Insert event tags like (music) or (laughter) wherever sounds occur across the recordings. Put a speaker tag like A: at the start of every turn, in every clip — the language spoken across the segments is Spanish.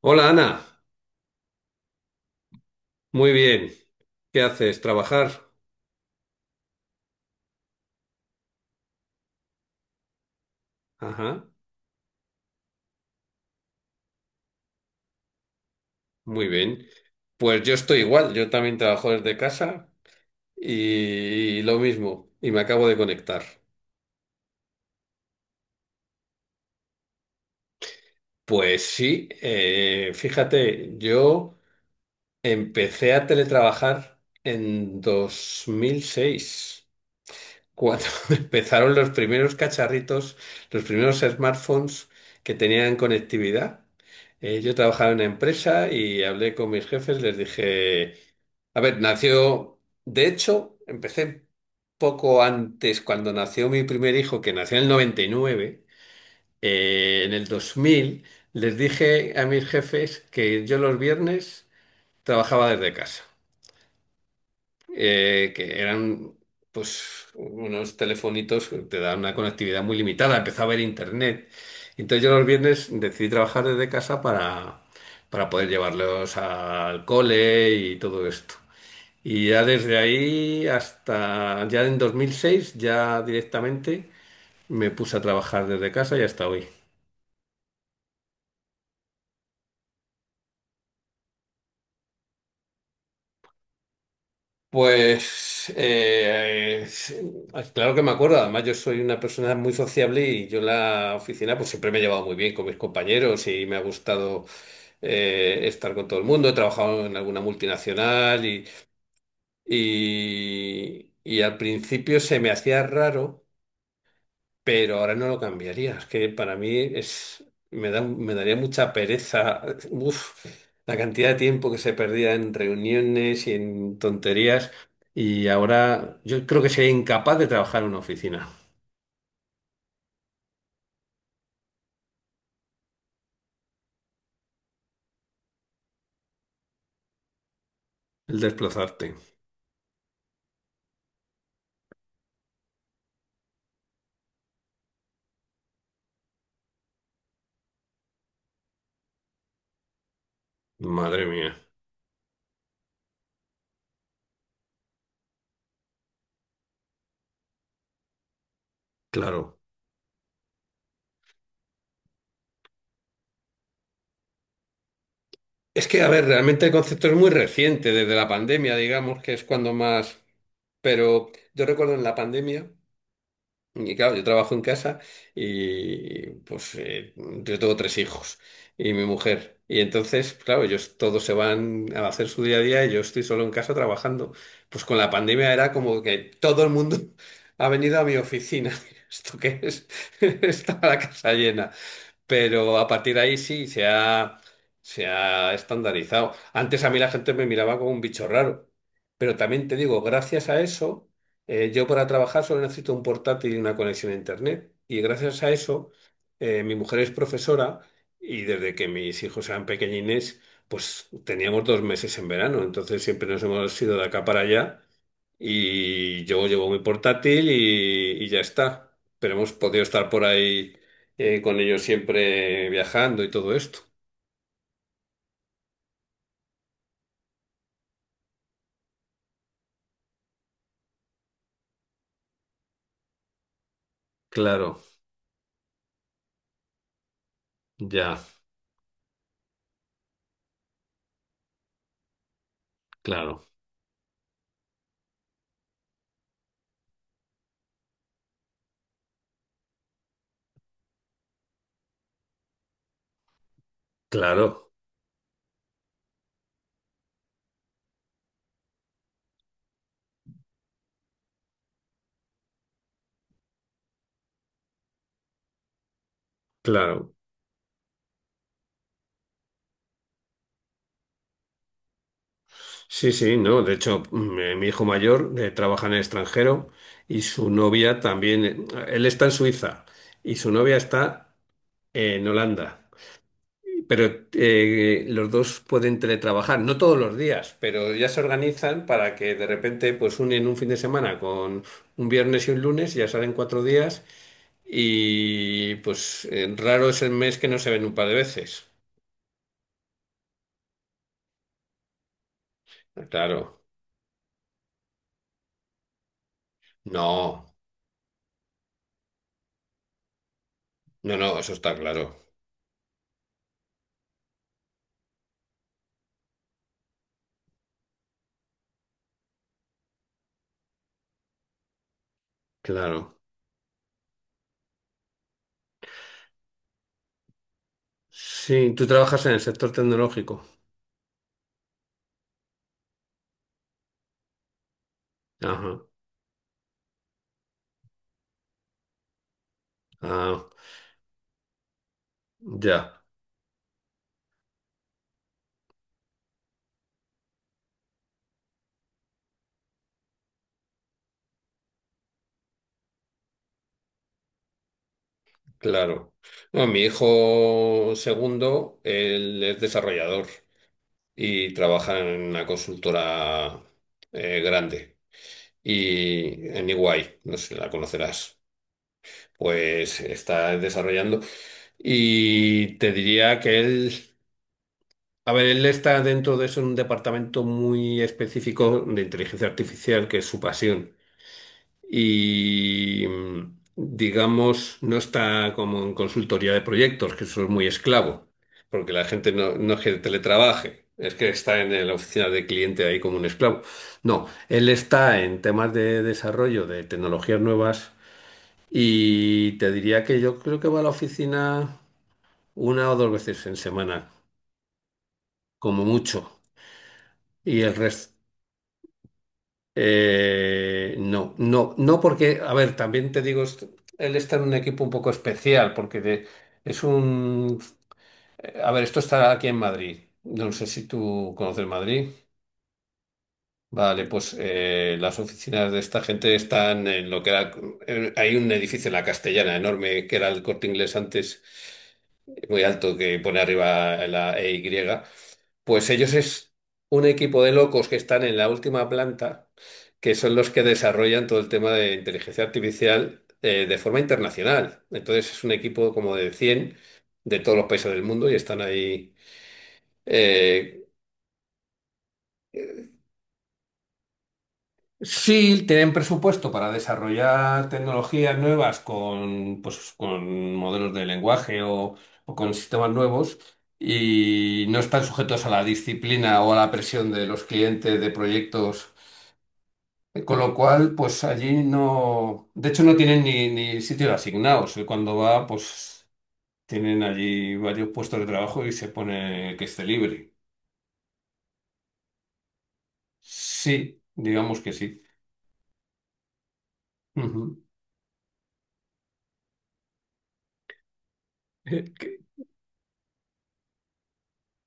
A: Hola Ana, muy bien. ¿Qué haces? ¿Trabajar? Ajá, muy bien. Pues yo estoy igual, yo también trabajo desde casa y, lo mismo, y me acabo de conectar. Pues sí, fíjate, yo empecé a teletrabajar en 2006. Cuando (laughs) empezaron los primeros cacharritos, los primeros smartphones que tenían conectividad. Yo trabajaba en una empresa y hablé con mis jefes, les dije, a ver, nació, de hecho, empecé poco antes, cuando nació mi primer hijo, que nació en el 99, en el 2000. Les dije a mis jefes que yo los viernes trabajaba desde casa, que eran pues unos telefonitos que te dan una conectividad muy limitada, empezaba a haber internet. Entonces yo los viernes decidí trabajar desde casa para poder llevarlos al cole y todo esto. Y ya desde ahí hasta ya en 2006, ya directamente me puse a trabajar desde casa y hasta hoy. Pues claro que me acuerdo, además yo soy una persona muy sociable y yo en la oficina pues siempre me he llevado muy bien con mis compañeros y me ha gustado estar con todo el mundo. He trabajado en alguna multinacional y, y al principio se me hacía raro. Pero ahora no lo cambiaría. Es que para mí es, me daría mucha pereza. Uf, la cantidad de tiempo que se perdía en reuniones y en tonterías. Y ahora yo creo que sería incapaz de trabajar en una oficina. El desplazarte. Madre mía. Claro. Es que, a ver, realmente el concepto es muy reciente, desde la pandemia, digamos, que es cuando más. Pero yo recuerdo en la pandemia. Y claro, yo trabajo en casa y pues yo tengo tres hijos y mi mujer. Y entonces, claro, ellos todos se van a hacer su día a día y yo estoy solo en casa trabajando. Pues con la pandemia era como que todo el mundo (laughs) ha venido a mi oficina. (laughs) ¿Esto qué es? (laughs) Estaba la casa llena. Pero a partir de ahí sí, se ha estandarizado. Antes a mí la gente me miraba como un bicho raro, pero también te digo, gracias a eso, yo para trabajar solo necesito un portátil y una conexión a Internet. Y gracias a eso, mi mujer es profesora y desde que mis hijos eran pequeñines, pues teníamos 2 meses en verano, entonces siempre nos hemos ido de acá para allá. Y yo llevo mi portátil y ya está. Pero hemos podido estar por ahí, con ellos siempre viajando y todo esto. Claro, ya, claro, claro, claro. Sí, sí, no. De hecho, mi hijo mayor, trabaja en el extranjero y su novia también. Él está en Suiza y su novia está en Holanda. Pero los dos pueden teletrabajar, no todos los días, pero ya se organizan para que de repente pues unen un fin de semana con un viernes y un lunes, ya salen 4 días y pues, raro es el mes que no se ven un par de veces. Claro, no, no, no, eso está claro. Claro. Sí, tú trabajas en el sector tecnológico. Ajá, ah, ya, claro. No, mi hijo segundo, él es desarrollador y trabaja en una consultora, grande. Y en EY, no sé si la conocerás, pues está desarrollando. Y te diría que él, a ver, él está dentro de eso en un departamento muy específico de inteligencia artificial, que es su pasión y, digamos, no está como en consultoría de proyectos, que eso es muy esclavo, porque la gente no, no es que teletrabaje, es que está en la oficina de cliente ahí como un esclavo. No, él está en temas de desarrollo de tecnologías nuevas y te diría que yo creo que va a la oficina una o dos veces en semana, como mucho, y el resto. No, no, no, porque, a ver, también te digo, él está en un equipo un poco especial, porque es un... A ver, esto está aquí en Madrid. No sé si tú conoces Madrid. Vale, pues las oficinas de esta gente están en lo que era... Hay un edificio en la Castellana enorme, que era el Corte Inglés antes, muy alto, que pone arriba la E EY. Pues ellos es un equipo de locos que están en la última planta, que son los que desarrollan todo el tema de inteligencia artificial, de forma internacional. Entonces es un equipo como de 100 de todos los países del mundo y están ahí. eh, sí, tienen presupuesto para desarrollar tecnologías nuevas con, pues, con modelos de lenguaje o, con sistemas nuevos. Y no están sujetos a la disciplina o a la presión de los clientes de proyectos. Con lo cual, pues allí no, de hecho no tienen ni, sitio asignados. Él, cuando va, pues tienen allí varios puestos de trabajo y se pone que esté libre. Sí, digamos que sí. Ujú. Que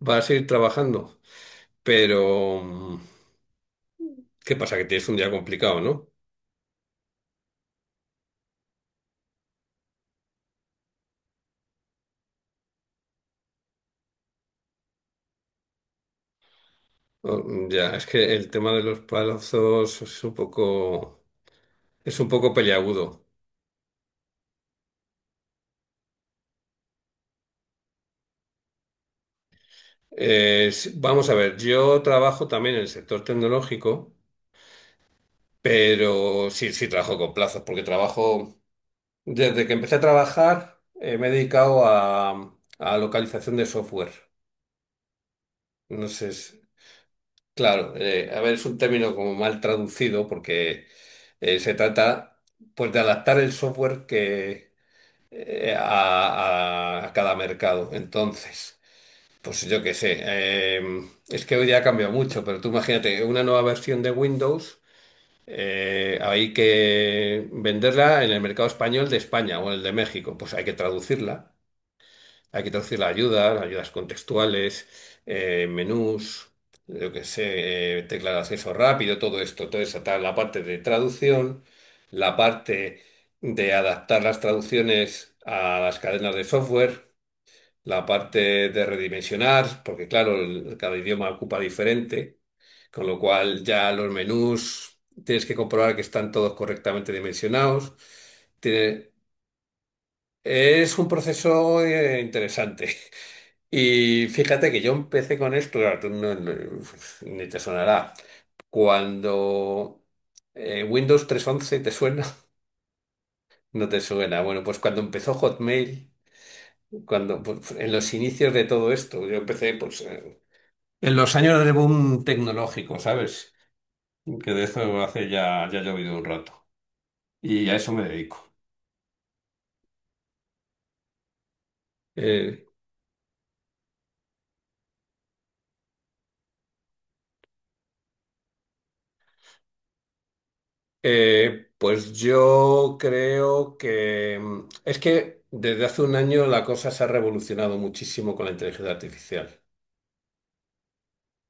A: Vas a ir trabajando, pero, ¿qué pasa? Que tienes un día complicado, ¿no? Ya, es que el tema de los plazos es un poco, peliagudo. Vamos a ver, yo trabajo también en el sector tecnológico. Pero sí, sí trabajo con plazos, porque trabajo, desde que empecé a trabajar, me he dedicado a, localización de software. No sé, claro, a ver, es un término como mal traducido, porque se trata pues de adaptar el software que, a, a cada mercado. Entonces, pues yo qué sé, es que hoy día ha cambiado mucho, pero tú imagínate una nueva versión de Windows. Hay que venderla en el mercado español de España o el de México. Pues hay que traducirla. Hay que traducir la ayuda, ayudas contextuales, menús, yo que sé, tecla de acceso rápido, todo esto. Toda esa tal, la parte de traducción, la parte de adaptar las traducciones a las cadenas de software, la parte de redimensionar, porque claro, cada idioma ocupa diferente, con lo cual ya los menús tienes que comprobar que están todos correctamente dimensionados. Tiene- es un proceso, interesante. (laughs) Y fíjate que yo empecé con esto, claro, tú ni te sonará. Cuando Windows 311 te suena, (laughs) no te suena. Bueno, pues cuando empezó Hotmail, cuando pues, en los inicios de todo esto, yo empecé pues, en los años de boom tecnológico, ¿sabes? Que de eso hace ya ha llovido un rato. Y a eso me dedico. Eh, pues yo creo que, es que desde hace un año la cosa se ha revolucionado muchísimo con la inteligencia artificial,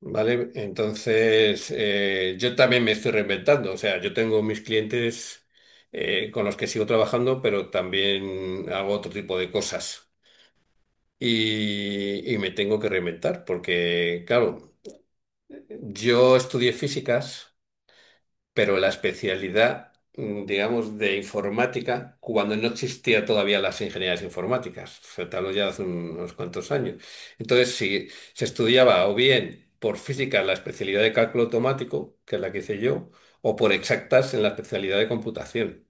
A: ¿vale? Entonces, yo también me estoy reinventando, o sea, yo tengo mis clientes, con los que sigo trabajando, pero también hago otro tipo de cosas. Y me tengo que reinventar porque, claro, yo estudié físicas, pero la especialidad, digamos, de informática, cuando no existía todavía las ingenierías informáticas, o sea, te hablo ya de hace unos cuantos años. Entonces, si se estudiaba o bien por física la especialidad de cálculo automático, que es la que hice yo, o por exactas en la especialidad de computación.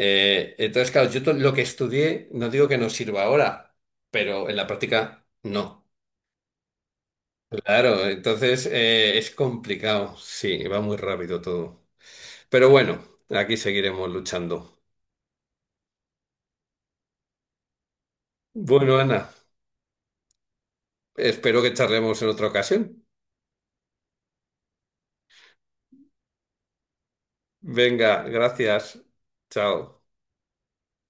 A: Entonces, claro, yo lo que estudié, no digo que no sirva ahora, pero en la práctica no. Claro, entonces es complicado. Sí, va muy rápido todo. Pero bueno, aquí seguiremos luchando. Bueno, Ana, espero que charlemos en otra ocasión. Venga, gracias. Chao.